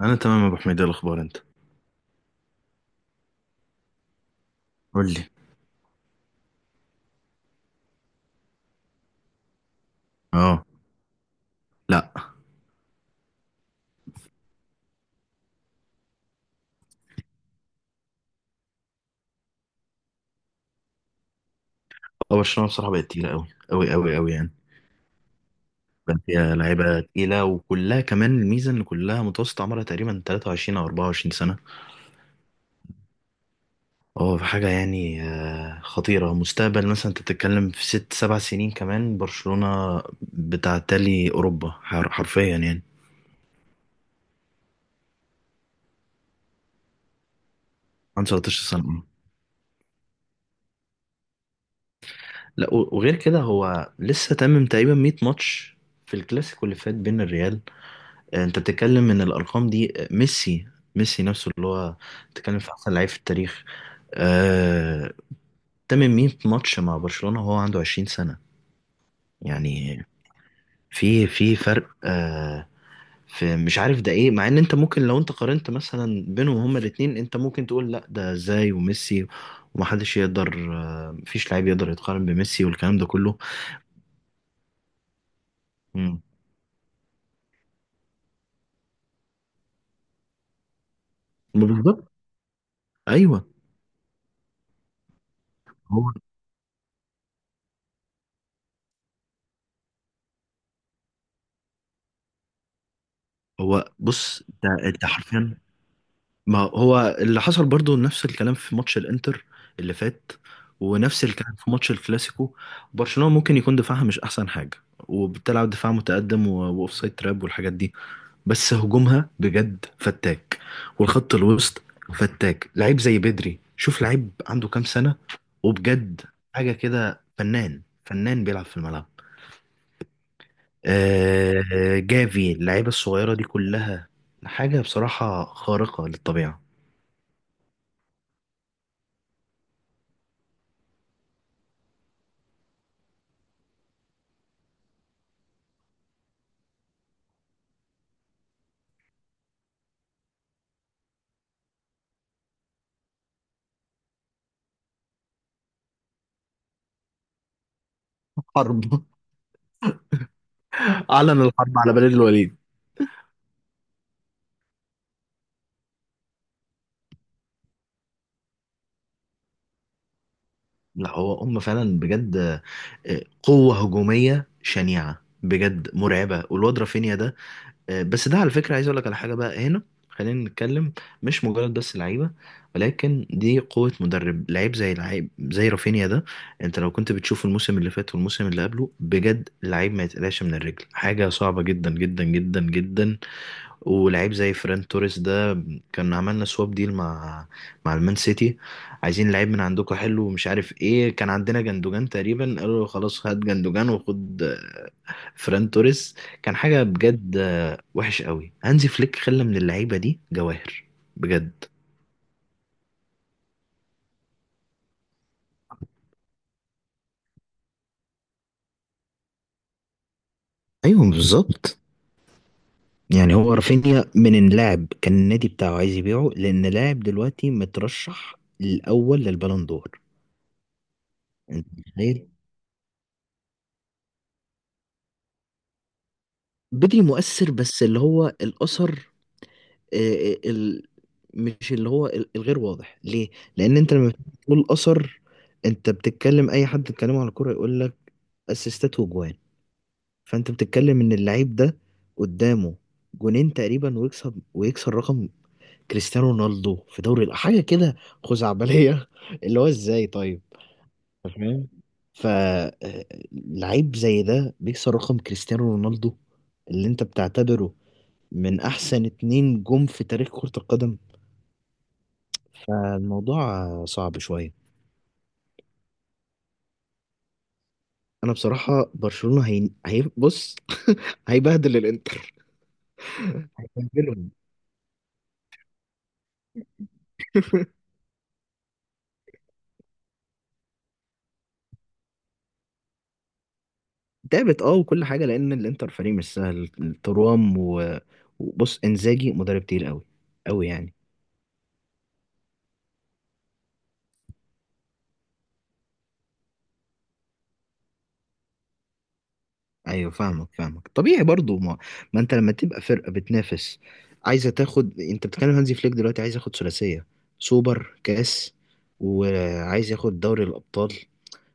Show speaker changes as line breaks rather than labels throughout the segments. انا تمام يا ابو حميد، إيه الاخبار انت؟ قول لي. اه. لا، هو برشلونه بصراحه بقت تقيله قوي قوي قوي قوي يعني. بقى فيها لعيبه تقيله، وكلها كمان الميزه ان كلها متوسط عمرها تقريبا 23 او 24 سنه. اه في حاجه يعني خطيره مستقبل. مثلا انت بتتكلم في ست سبع سنين كمان برشلونه بتعتلي اوروبا حرفيا يعني. عن 13 سنه لا، و- وغير كده، هو لسه تمم تقريبا 100 ماتش في الكلاسيكو اللي فات بين الريال. انت بتتكلم ان الارقام دي ميسي، ميسي نفسه اللي هو بتتكلم في احسن لعيب في التاريخ. آه... تمم 100 ماتش مع برشلونة وهو عنده 20 سنة يعني. في فرق في مش عارف ده ايه، مع ان انت ممكن لو انت قارنت مثلا بينهم هما الاتنين، انت ممكن تقول لا ده ازاي وميسي، ومحدش يقدر مفيش لعيب يقدر يتقارن بميسي والكلام ده كله. مم. ما بالظبط. ايوه. هو هو بص، انت حرفيا. ما هو اللي حصل برضو نفس الكلام في ماتش الانتر اللي فات، ونفس الكلام في ماتش الكلاسيكو. برشلونة ممكن يكون دفاعها مش احسن حاجة، وبتلعب دفاع متقدم و- واوفسايد تراب والحاجات دي، بس هجومها بجد فتاك، والخط الوسط فتاك. لعيب زي بدري، شوف لعيب عنده كام سنة وبجد حاجة كده، فنان فنان بيلعب في الملعب. آه جافي، اللعيبة الصغيرة دي كلها حاجة بصراحة خارقة للطبيعة. حرب، أعلن الحرب على بلاد الوليد. لا هو هم فعلا بجد قوة هجومية شنيعة بجد مرعبة، والواد رافينيا ده بس ده على فكرة، عايز أقول لك على حاجة بقى هنا. خلينا نتكلم، مش مجرد بس لعيبة، ولكن دي قوة مدرب. لعيب زي رافينيا ده، أنت لو كنت بتشوف الموسم اللي فات والموسم اللي قبله، بجد لعيب ما يتقلقش من الرجل، حاجة صعبة جدا جدا جدا جدا. ولعيب زي فران توريس ده، كان عملنا سواب ديل مع المان سيتي. عايزين لعيب من عندكم حلو ومش عارف ايه، كان عندنا جندوجان تقريبا، قالوا له خلاص هات جندوجان وخد فران توريس. كان حاجة بجد وحش قوي، هانزي فليك خلى من اللعيبة دي جواهر بجد. ايوه، بالظبط. يعني هو رافينيا من اللاعب كان النادي بتاعه عايز يبيعه، لان لاعب دلوقتي مترشح الاول للبالون دور. انت متخيل؟ بدري مؤثر، بس اللي هو الاثر آه، آه، ال- مش اللي هو الغير واضح ليه. لان انت لما بتقول اثر، انت بتتكلم اي حد بيتكلمه على الكوره يقول لك اسيستات وجوان. فانت بتتكلم ان اللعيب ده قدامه جونين تقريبا، ويكسب ويكسر رقم كريستيانو رونالدو في دوري حاجه كده خزعبليه اللي هو ازاي طيب. أنت فاهم؟ فلعيب زي ده بيكسر رقم كريستيانو رونالدو اللي انت بتعتبره من احسن اتنين جم في تاريخ كرة القدم، فالموضوع صعب شوية. أنا بصراحة برشلونة بص، هيبهدل الإنتر، هيبهدلهم. تعبت، اه، وكل حاجة، لأن الإنتر فريق مش سهل، ترام و... وبص، إنزاجي مدرب تقيل أوي أوي يعني. أيوه فاهمك، فاهمك طبيعي برضو، ما أنت لما تبقى فرقة بتنافس عايزة تاخد. أنت بتتكلم هانزي فليك دلوقتي عايز ياخد ثلاثية، سوبر كاس وعايز ياخد دوري الأبطال.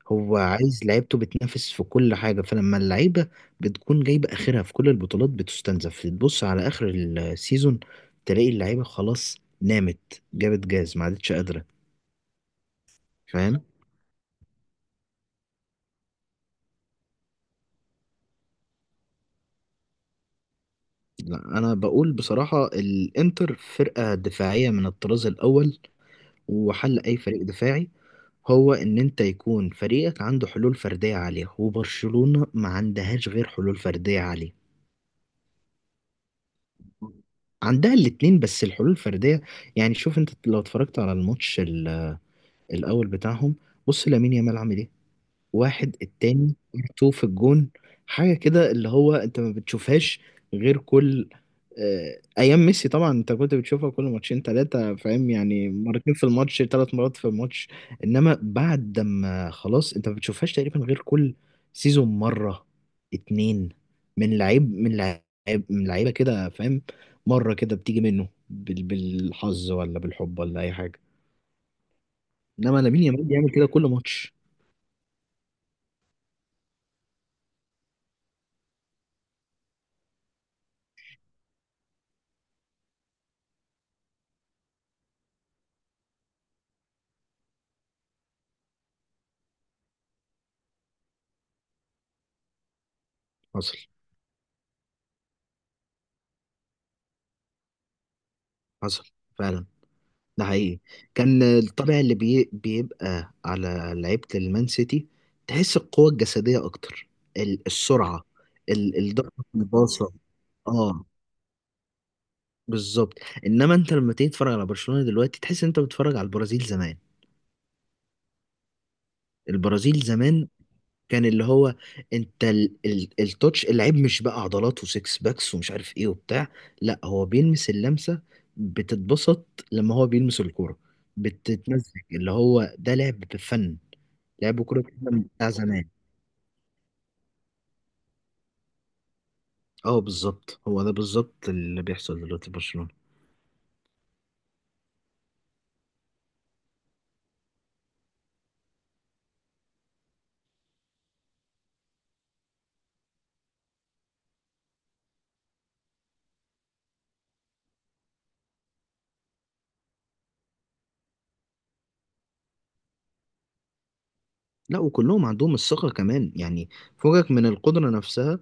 هو عايز لعيبته بتنافس في كل حاجة، فلما اللعيبة بتكون جايبة آخرها في كل البطولات بتستنزف، تبص على آخر السيزون تلاقي اللعيبة خلاص نامت، جابت جاز ما عادتش قادرة. فاهم؟ لا، أنا بقول بصراحة، الإنتر فرقة دفاعية من الطراز الأول، وحل أي فريق دفاعي هو إن أنت يكون فريقك عنده حلول فردية عالية، وبرشلونة ما عندهاش غير حلول فردية عالية. عندها الاتنين، بس الحلول الفردية يعني شوف، انت لو اتفرجت على الماتش الاول بتاعهم، بص لامين يامال عامل ايه. واحد التاني تو في الجون، حاجه كده اللي هو انت ما بتشوفهاش غير كل ايام ميسي طبعا، انت كنت بتشوفها كل ماتشين ثلاثه فاهم يعني، مرتين في الماتش، ثلاث مرات في الماتش. انما بعد ما خلاص، انت ما بتشوفهاش تقريبا غير كل سيزون مره اتنين، من لعيب من لعيب من لعيبه كده فاهم، مره كده بتيجي منه بالحظ ولا بالحب ولا اي حاجه، انما لامين يامال بيعمل كده كل ماتش. حصل حصل فعلا، ده حقيقي. كان الطابع اللي بيبقى على لعيبة المان سيتي، تحس القوة الجسدية أكتر، السرعة، الضغط، الباصة. اه بالظبط. انما انت لما تيجي تتفرج على برشلونة دلوقتي، تحس انت بتتفرج على البرازيل زمان. البرازيل زمان كان اللي هو انت التوتش، اللعيب مش بقى عضلات وسكس باكس ومش عارف ايه وبتاع، لا هو بيلمس اللمسة بتتبسط لما هو بيلمس الكورة، بتتمزج اللي هو ده لعب بفن. لعب كورة بفن بتاع زمان. اه بالظبط، هو ده بالظبط اللي بيحصل دلوقتي في برشلونة. لا وكلهم عندهم الثقة كمان يعني فوقك من القدرة نفسها.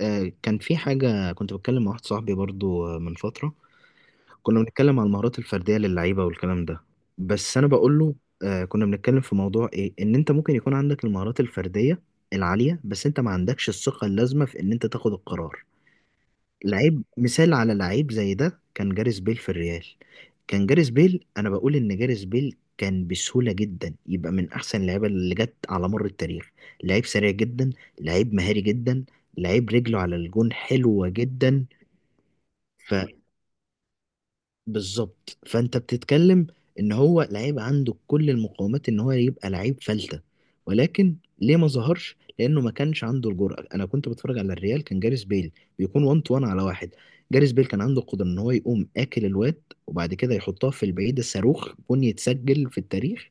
كان في حاجة كنت بتكلم مع واحد صاحبي برضو من فترة، كنا بنتكلم على المهارات الفردية للعيبة والكلام ده، بس أنا بقول له كنا بنتكلم في موضوع إيه، إن أنت ممكن يكون عندك المهارات الفردية العالية، بس أنت ما عندكش الثقة اللازمة في إن أنت تاخد القرار. لعيب مثال على لعيب زي ده كان جاريس بيل في الريال. كان جاريس بيل، أنا بقول إن جاريس بيل كان بسهولة جدا يبقى من أحسن اللعيبة اللي جت على مر التاريخ. لعيب سريع جدا، لعيب مهاري جدا، لعيب رجله على الجون حلوة جدا. بالظبط، فانت بتتكلم ان هو لعيب عنده كل المقومات ان هو يبقى لعيب فلتة، ولكن ليه ما ظهرش؟ لانه ما كانش عنده الجرأة. انا كنت بتفرج على الريال، كان جاريس بيل بيكون 1 تو 1 على واحد. جاريس بيل كان عنده القدرة ان هو يقوم اكل الواد وبعد كده يحطها في البعيدة، صاروخ جون يتسجل في التاريخ،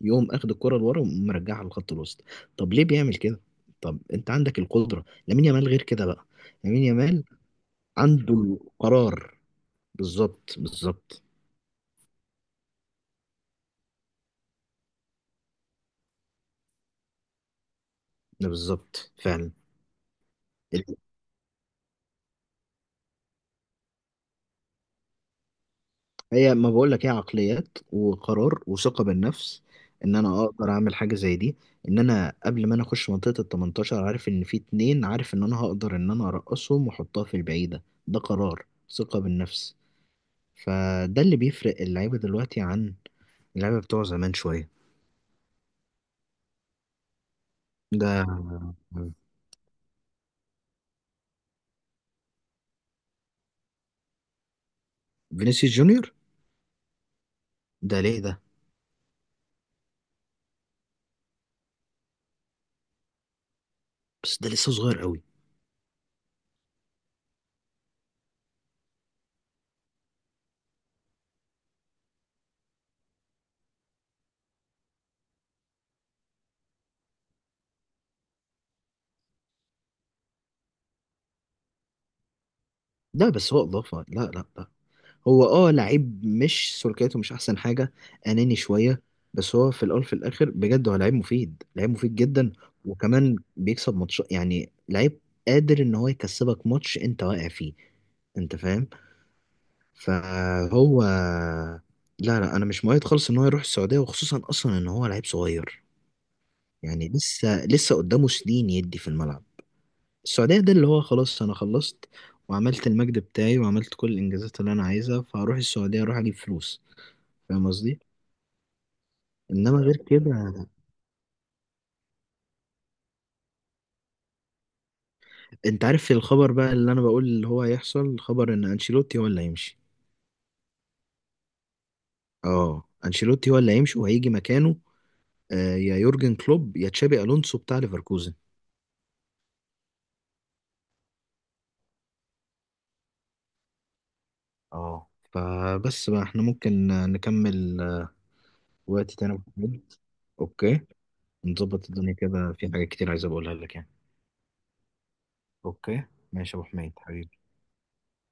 يقوم اخد الكرة لورا ومرجعها لخط الوسط. طب ليه بيعمل كده؟ طب انت عندك القدرة. لامين يامال غير كده بقى، لامين يامال عنده القرار. بالظبط بالظبط، بالظبط فعلا. هي، ما بقول لك، هي عقليات وقرار وثقة بالنفس ان انا اقدر اعمل حاجة زي دي، ان انا قبل ما انا اخش منطقة ال 18 عارف ان في اتنين، عارف ان انا هقدر ان انا ارقصهم واحطها في البعيدة. ده قرار، ثقة بالنفس. فده اللي بيفرق اللعيبة دلوقتي عن اللعيبة بتوع زمان شوية. ده فينيسيوس جونيور؟ ده ليه ده؟ بس ده لسه صغير قوي. ده بس هو اضافة، لا لا. لا هو اه لعيب، مش سلوكياته مش احسن حاجه، اناني شويه، بس هو في الاول في الاخر بجد هو لعيب مفيد، لعيب مفيد جدا. وكمان بيكسب ماتش، يعني لعيب قادر ان هو يكسبك ماتش انت واقع فيه، انت فاهم. فهو، لا لا، انا مش مؤيد خالص ان هو يروح السعوديه، وخصوصا اصلا ان هو لعيب صغير، يعني لسه لسه قدامه سنين يدي في الملعب. السعوديه ده اللي هو خلاص انا خلصت وعملت المجد بتاعي وعملت كل الانجازات اللي انا عايزها، فهروح السعوديه اروح اجيب فلوس. فاهم قصدي؟ انما غير كده، انت عارف الخبر بقى اللي انا بقول اللي هو هيحصل، خبر ان انشيلوتي هو اللي هيمشي. اه، انشيلوتي هو اللي هيمشي وهيجي مكانه يا يورجن كلوب يا تشابي الونسو بتاع ليفركوزن. اه فبس بقى احنا ممكن نكمل وقت تاني أبو حميد. اوكي، نظبط الدنيا كده، في حاجات كتير عايز أبقى اقولها لك يعني. اوكي، ماشي يا ابو حميد حبيبي.